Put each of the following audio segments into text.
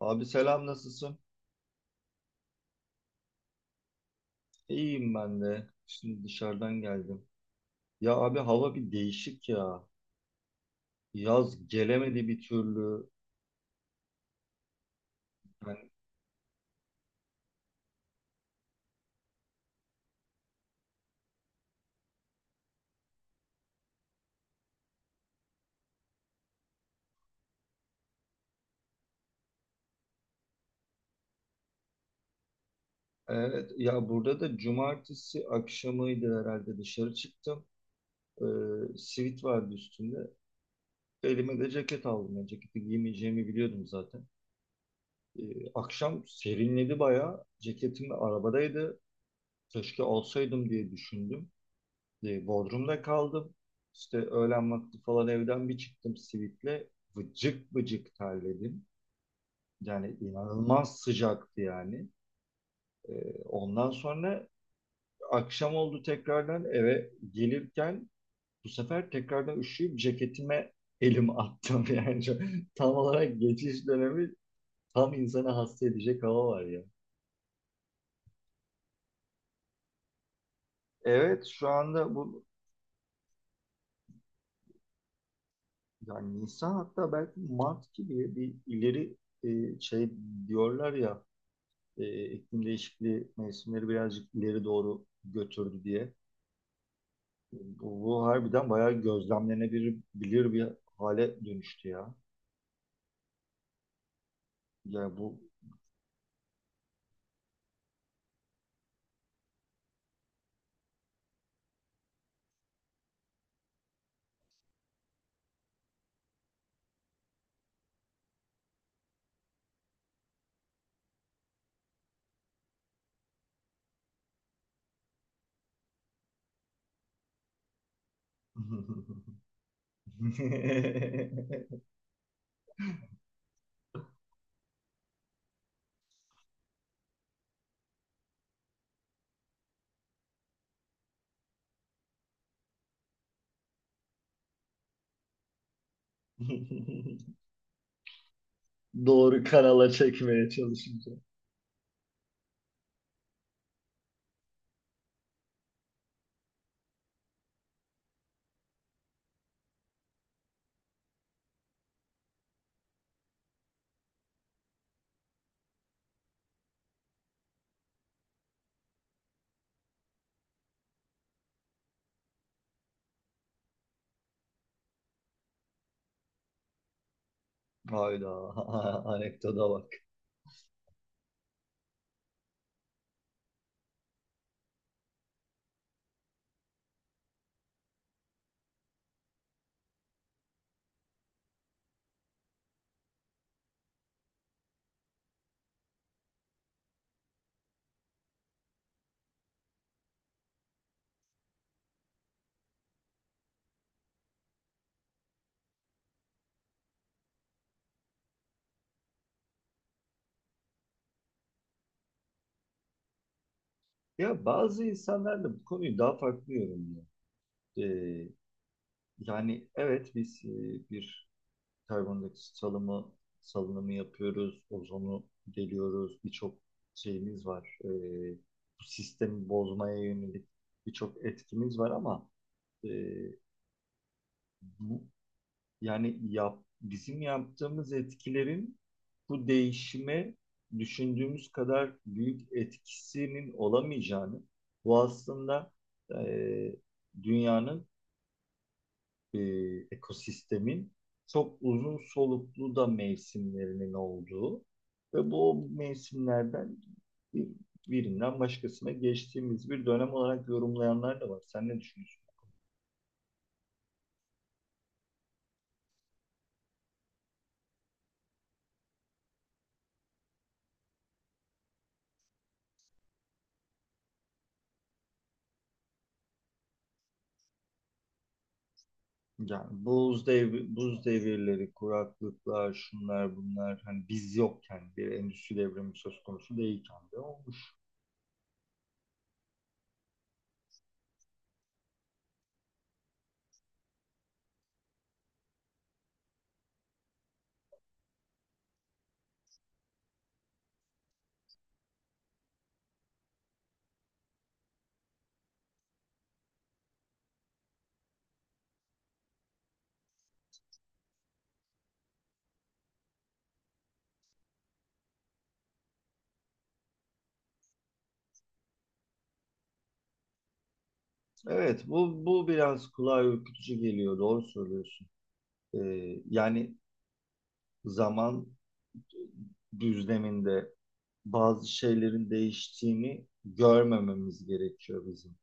Abi selam nasılsın? İyiyim ben de. Şimdi dışarıdan geldim. Ya abi hava bir değişik ya. Yaz gelemedi bir türlü. Yani, evet ya burada da cumartesi akşamıydı herhalde dışarı çıktım. Sivit vardı üstünde. Elime de ceket aldım. Yani ceketi giymeyeceğimi biliyordum zaten. Ee, akşam serinledi bayağı. Ceketim de arabadaydı. Keşke alsaydım diye düşündüm. Bodrum'da kaldım. İşte öğlen vakti falan evden bir çıktım Simit'le. Vıcık vıcık terledim. Yani inanılmaz sıcaktı yani. E, ondan sonra akşam oldu tekrardan eve gelirken bu sefer tekrardan üşüyüp ceketime elim attım. Yani tam olarak geçiş dönemi tam insana hasta edecek hava var ya. Evet şu anda bu yani Nisan hatta belki Mart gibi bir ileri şey diyorlar ya, iklim değişikliği mevsimleri birazcık ileri doğru götürdü diye. Bu harbiden bayağı gözlemlenebilir bir hale dönüştü ya. Yani bu doğru kanala çekmeye çalışınca. Hayda, anekdota bak. Ya bazı insanlar da bu konuyu daha farklı yorumluyor. Ee, yani evet biz, bir karbondioksit salımı salınımı yapıyoruz, ozonu deliyoruz, birçok şeyimiz var. Bu sistemi bozmaya yönelik birçok etkimiz var ama e, bu yani bizim yaptığımız etkilerin bu değişime düşündüğümüz kadar büyük etkisinin olamayacağını, bu aslında, e, dünyanın, e, ekosistemin çok uzun soluklu da mevsimlerinin olduğu ve bu mevsimlerden bir- birinden başkasına geçtiğimiz bir dönem olarak yorumlayanlar da var. Sen ne düşünüyorsun? Yani buz devri, buz devirleri, kuraklıklar, şunlar bunlar hani biz yokken, bir endüstri devrimi söz konusu değilken de olmuş. Evet bu biraz kulağa ürkütücü geliyor, doğru söylüyorsun. Yani zaman düzleminde bazı şeylerin değiştiğini görmememiz gerekiyor bizim.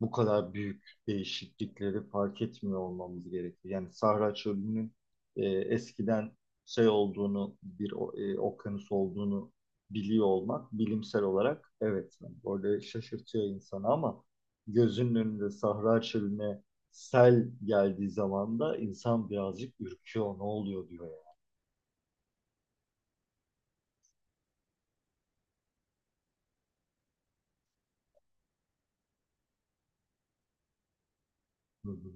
Bu kadar büyük değişiklikleri fark etmiyor olmamız gerekiyor. Yani Sahra Çölü'nün, eskiden şey olduğunu, bir okyanus olduğunu biliyor olmak bilimsel olarak, evet. Yani orada şaşırtıyor insanı ama gözünün önünde Sahra Çölü'ne sel geldiği zaman da insan birazcık ürküyor. Ne oluyor diyor yani. Hı hı.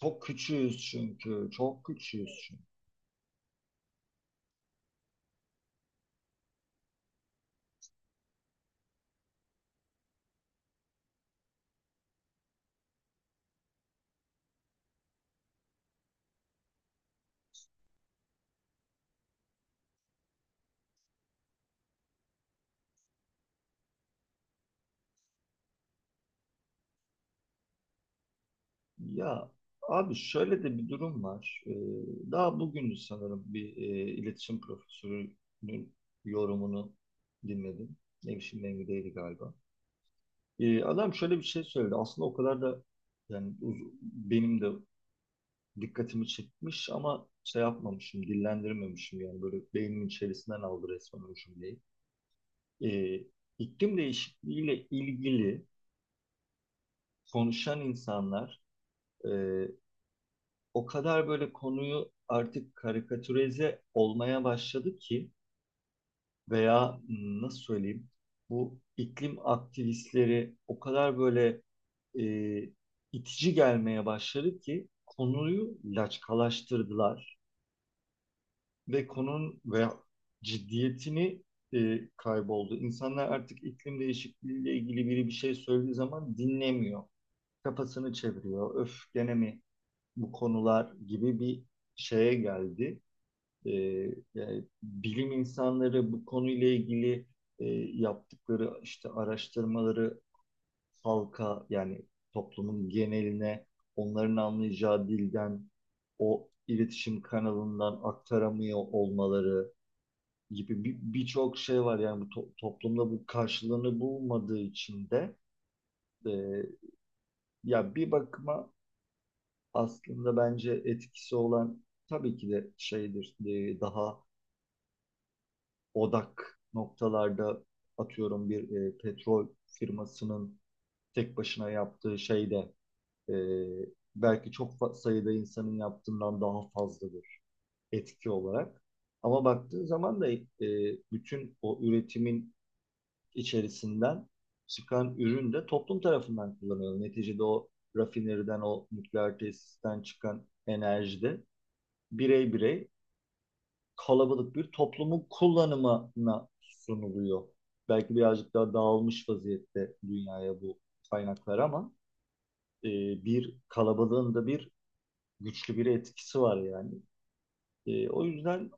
Çok küçüğüz çünkü. Çok küçüğüz çünkü. Ya abi şöyle de bir durum var. Daha bugün sanırım bir, iletişim profesörünün yorumunu dinledim. Nevşin Mengü'deydi galiba. Adam şöyle bir şey söyledi. Aslında o kadar da yani benim de dikkatimi çekmiş ama şey yapmamışım, dillendirmemişim yani, böyle beynimin içerisinden aldı resmen o cümleyi. Ee, iklim değişikliğiyle ilgili konuşan insanlar, e, o kadar böyle konuyu artık karikatürize olmaya başladı ki veya nasıl söyleyeyim, bu iklim aktivistleri o kadar böyle, e, itici gelmeye başladı ki konuyu laçkalaştırdılar ve konunun veya ciddiyetini kayboldu. İnsanlar artık iklim değişikliğiyle ilgili biri bir şey söylediği zaman dinlemiyor. Kafasını çeviriyor. Öf, gene mi bu konular gibi bir şeye geldi. e, Yani bilim insanları bu konuyla ilgili, e, yaptıkları işte araştırmaları halka, yani toplumun geneline onların anlayacağı dilden o iletişim kanalından aktaramıyor olmaları gibi birçok şey var yani, bu toplumda bu karşılığını bulmadığı için de, e, ya bir bakıma aslında bence etkisi olan tabii ki de şeydir, daha odak noktalarda atıyorum bir, petrol firmasının tek başına yaptığı şey de, e, belki çok sayıda insanın yaptığından daha fazladır etki olarak. Ama baktığın zaman da, bütün o üretimin içerisinden çıkan ürün de toplum tarafından kullanılıyor. Neticede o rafineriden, o nükleer tesisten çıkan enerji de birey birey kalabalık bir toplumun kullanımına sunuluyor. Belki birazcık daha dağılmış vaziyette dünyaya bu kaynaklar ama, e, bir kalabalığın da bir güçlü bir etkisi var yani. O yüzden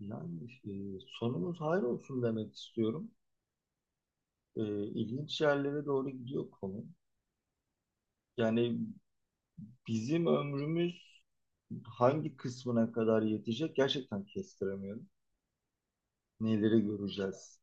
yani, sonumuz hayır olsun demek istiyorum. E, ilginç yerlere doğru gidiyor konu. Yani bizim ömrümüz hangi kısmına kadar yetecek gerçekten kestiremiyorum. Neleri göreceğiz?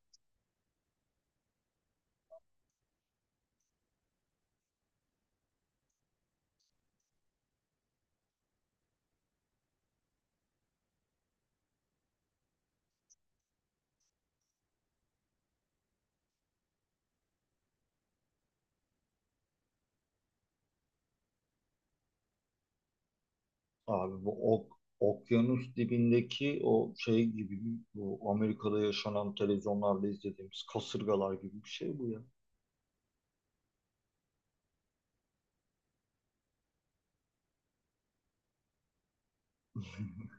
Abi bu okyanus dibindeki o şey gibi, bu Amerika'da yaşanan, televizyonlarda izlediğimiz kasırgalar gibi bir şey bu ya.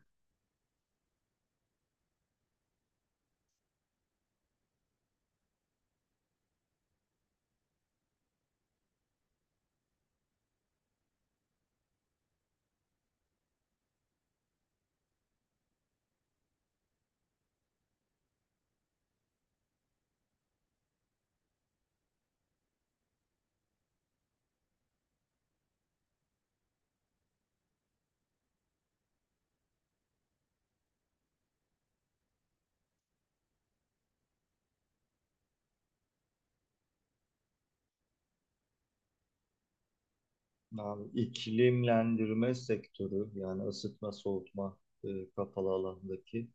Abi, iklimlendirme sektörü, yani ısıtma soğutma, kapalı alandaki,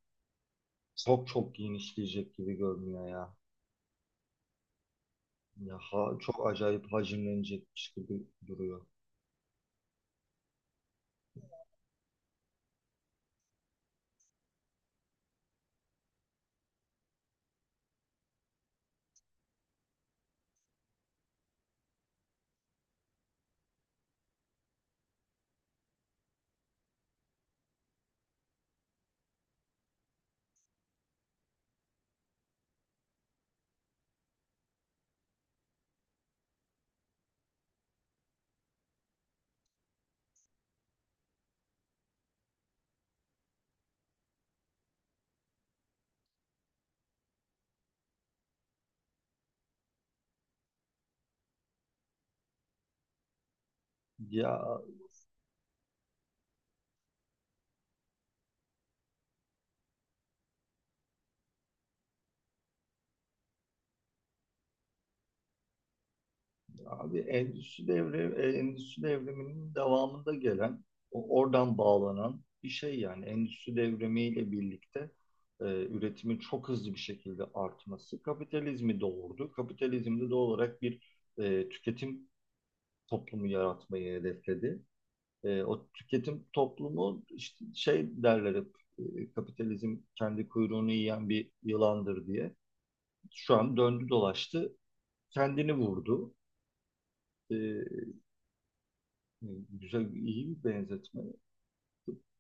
çok çok genişleyecek gibi görünüyor ya. Ya çok acayip hacimlenecekmiş gibi duruyor. Ya abi, endüstri devriminin devamında gelen, oradan bağlanan bir şey yani, endüstri devrimiyle birlikte, üretimin çok hızlı bir şekilde artması kapitalizmi doğurdu. Kapitalizm de doğal olarak bir, tüketim toplumu yaratmayı hedefledi. O tüketim toplumu işte şey derler hep, kapitalizm kendi kuyruğunu yiyen bir yılandır diye. Şu an döndü dolaştı, kendini vurdu. E, Güzel, iyi bir benzetme.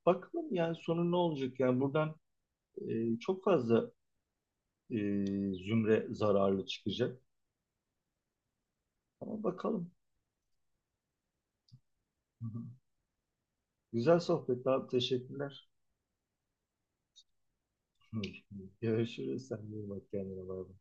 Bakalım yani sonu ne olacak? Yani buradan, çok fazla, e, zümre zararlı çıkacak. Ama bakalım. Hı hı. Güzel sohbet abi. Teşekkürler. Hı. Görüşürüz. Sen de iyi bak kendine. Bay bay.